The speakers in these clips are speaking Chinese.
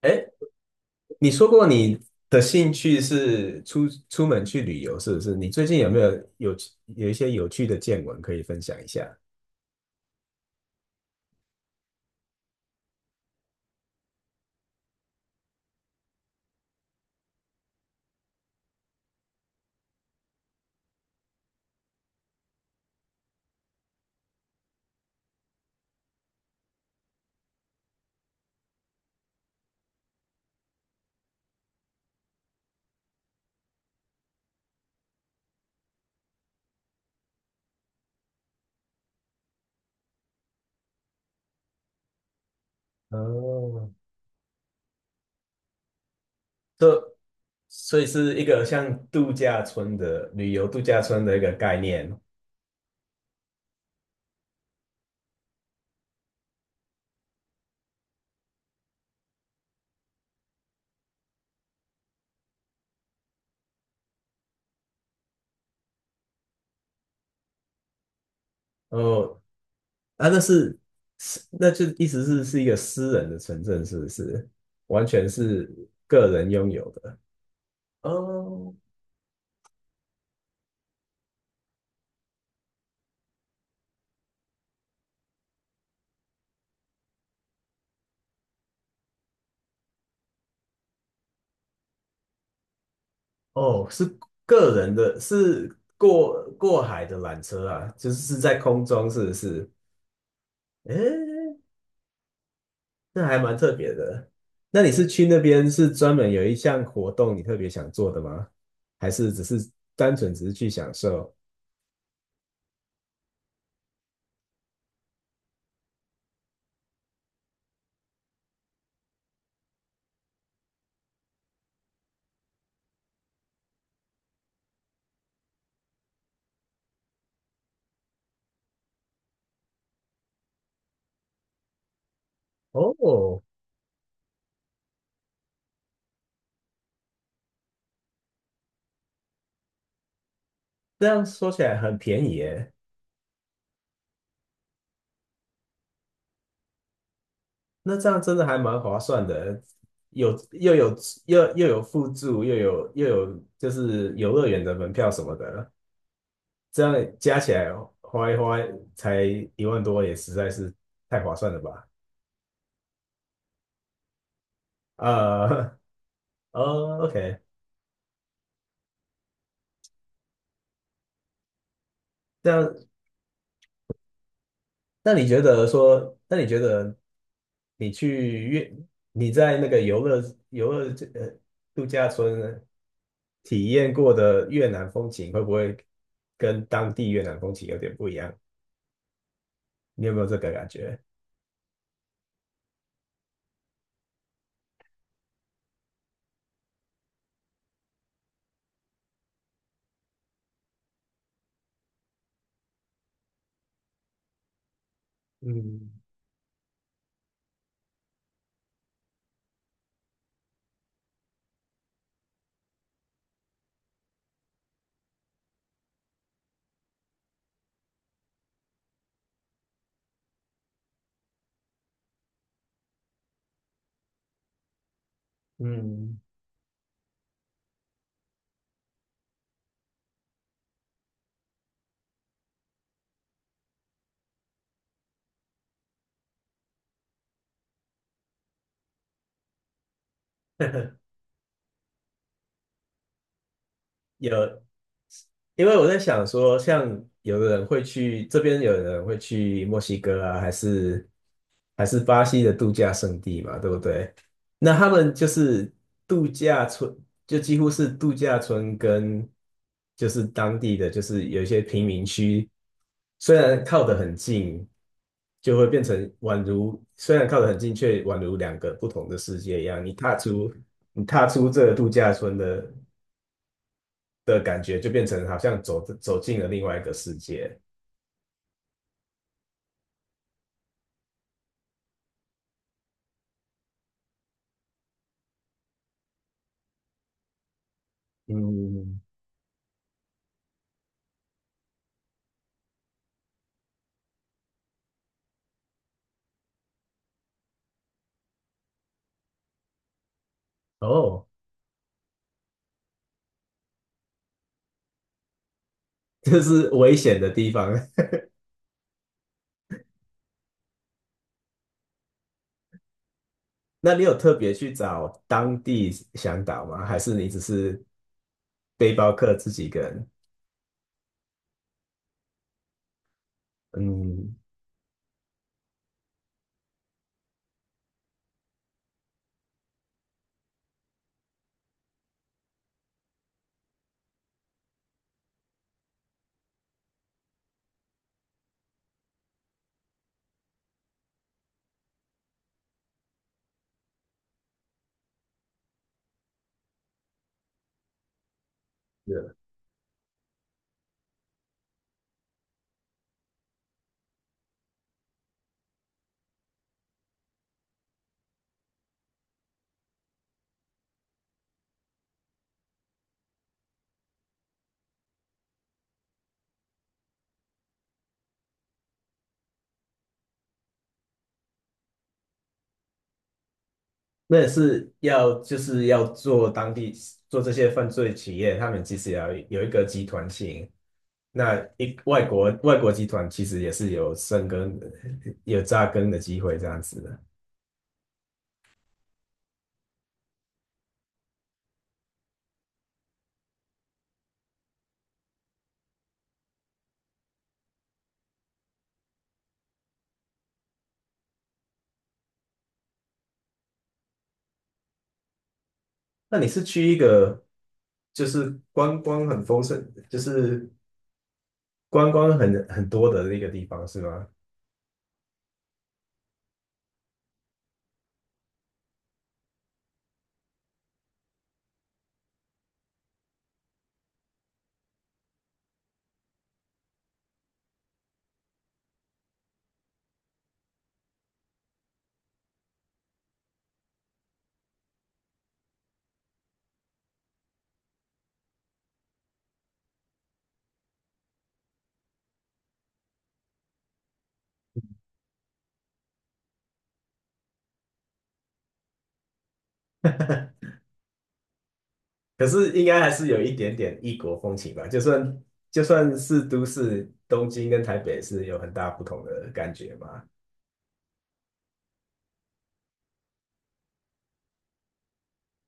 哎，你说过你的兴趣是出门去旅游，是不是？你最近有没有有有一些有趣的见闻可以分享一下？哦，这所以是一个像度假村的旅游度假村的一个概念。哦，啊，那是是，那就意思是是一个私人的城镇，是不是？完全是个人拥有的。哦，哦，是个人的，是过海的缆车啊，就是是在空中，是不是？诶，那还蛮特别的。那你是去那边是专门有一项活动你特别想做的吗？还是只是单纯只是去享受？哦，这样说起来很便宜耶。那这样真的还蛮划算的，有又有附住，又有就是游乐园的门票什么的，这样加起来花才一万多，也实在是太划算了吧？啊，哦，OK，这样那你觉得说，那你觉得你去越你在那个游乐游乐这呃度假村体验过的越南风情，会不会跟当地越南风情有点不一样？你有没有这个感觉？嗯嗯，有，因为我在想说，像有的人会去这边，有的人会去墨西哥啊，还是还是巴西的度假胜地嘛，对不对？那他们就是度假村，就几乎是度假村跟就是当地的，就是有一些贫民区，虽然靠得很近，就会变成宛如虽然靠得很近，却宛如两个不同的世界一样。你踏出这个度假村的感觉，就变成好像走进了另外一个世界。嗯，哦，这是危险的地方。那你有特别去找当地向导吗？还是你只是背包客自己一个人？嗯，是那也是要做当地做这些犯罪企业，他们其实也要有一个集团性。那一外国集团其实也是有生根、有扎根的机会这样子的。那你是去一个就是观光很丰盛，就是观光很多的那个地方是吗？可是应该还是有一点点异国风情吧，就算就算是都市，东京跟台北是有很大不同的感觉嘛。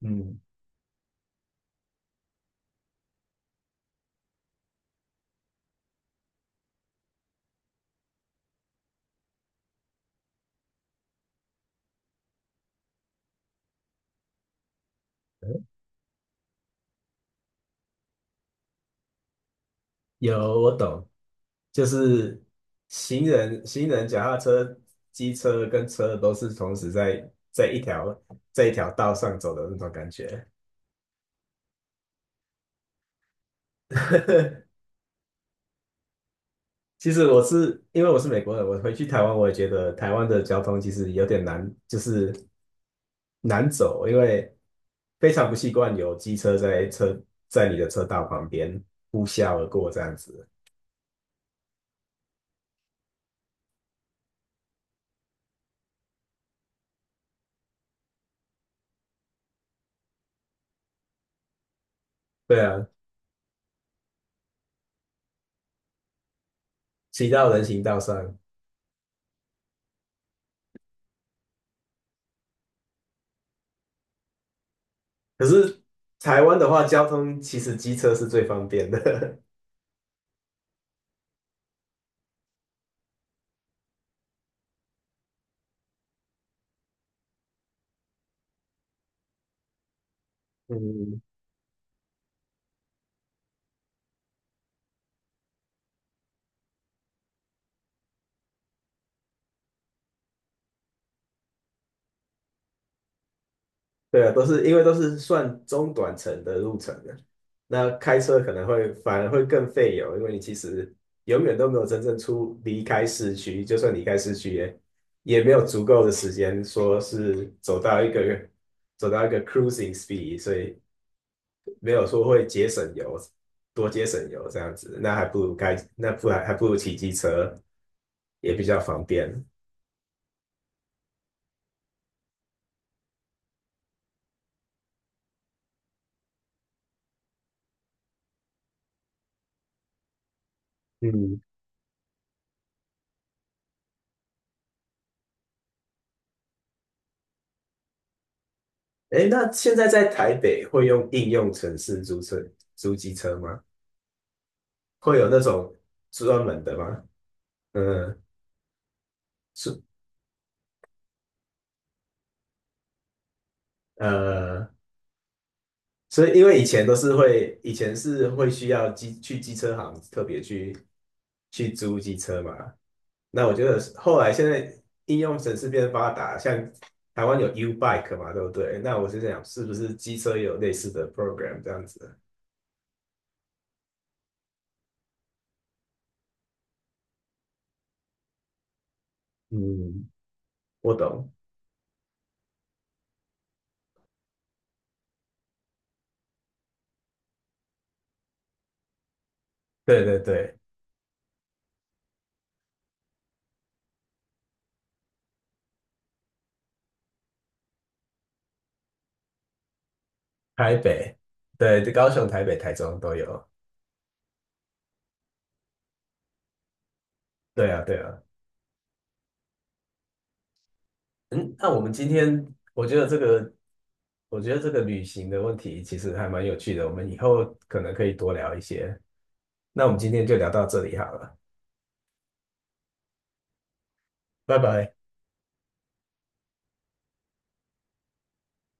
嗯，有，我懂，就是行人、脚踏车、机车跟车都是同时在一条道上走的那种感觉。其实我是因为我是美国人，我回去台湾，我也觉得台湾的交通其实有点难，就是难走，因为非常不习惯有机车在你的车道旁边呼啸而过这样子。对啊，骑到人行道上。可是台湾的话，交通其实机车是最方便的。嗯，对啊，都是因为都是算中短程的路程的，那开车可能会反而会更费油，因为你其实永远都没有真正出离开市区，就算离开市区也也没有足够的时间说是走到一个 cruising speed，所以没有说会节省油，多节省油这样子，那还不如开，那不还还不如骑机车，也比较方便。嗯，哎，那现在在台北会用应用程式租车、租机车吗？会有那种专门的吗？嗯，是呃，所以因为以前都是会，以前是会需要机车行特别去去租机车嘛，那我觉得后来现在应用程式变发达，像台湾有 U Bike 嘛，对不对？那我是想，是不是机车也有类似的 program 这样子？嗯，我懂，对对对，台北，对，高雄、台北、台中都有。对啊，对啊。嗯，那我们今天，我觉得这个，我觉得这个旅行的问题其实还蛮有趣的，我们以后可能可以多聊一些。那我们今天就聊到这里好了，拜拜。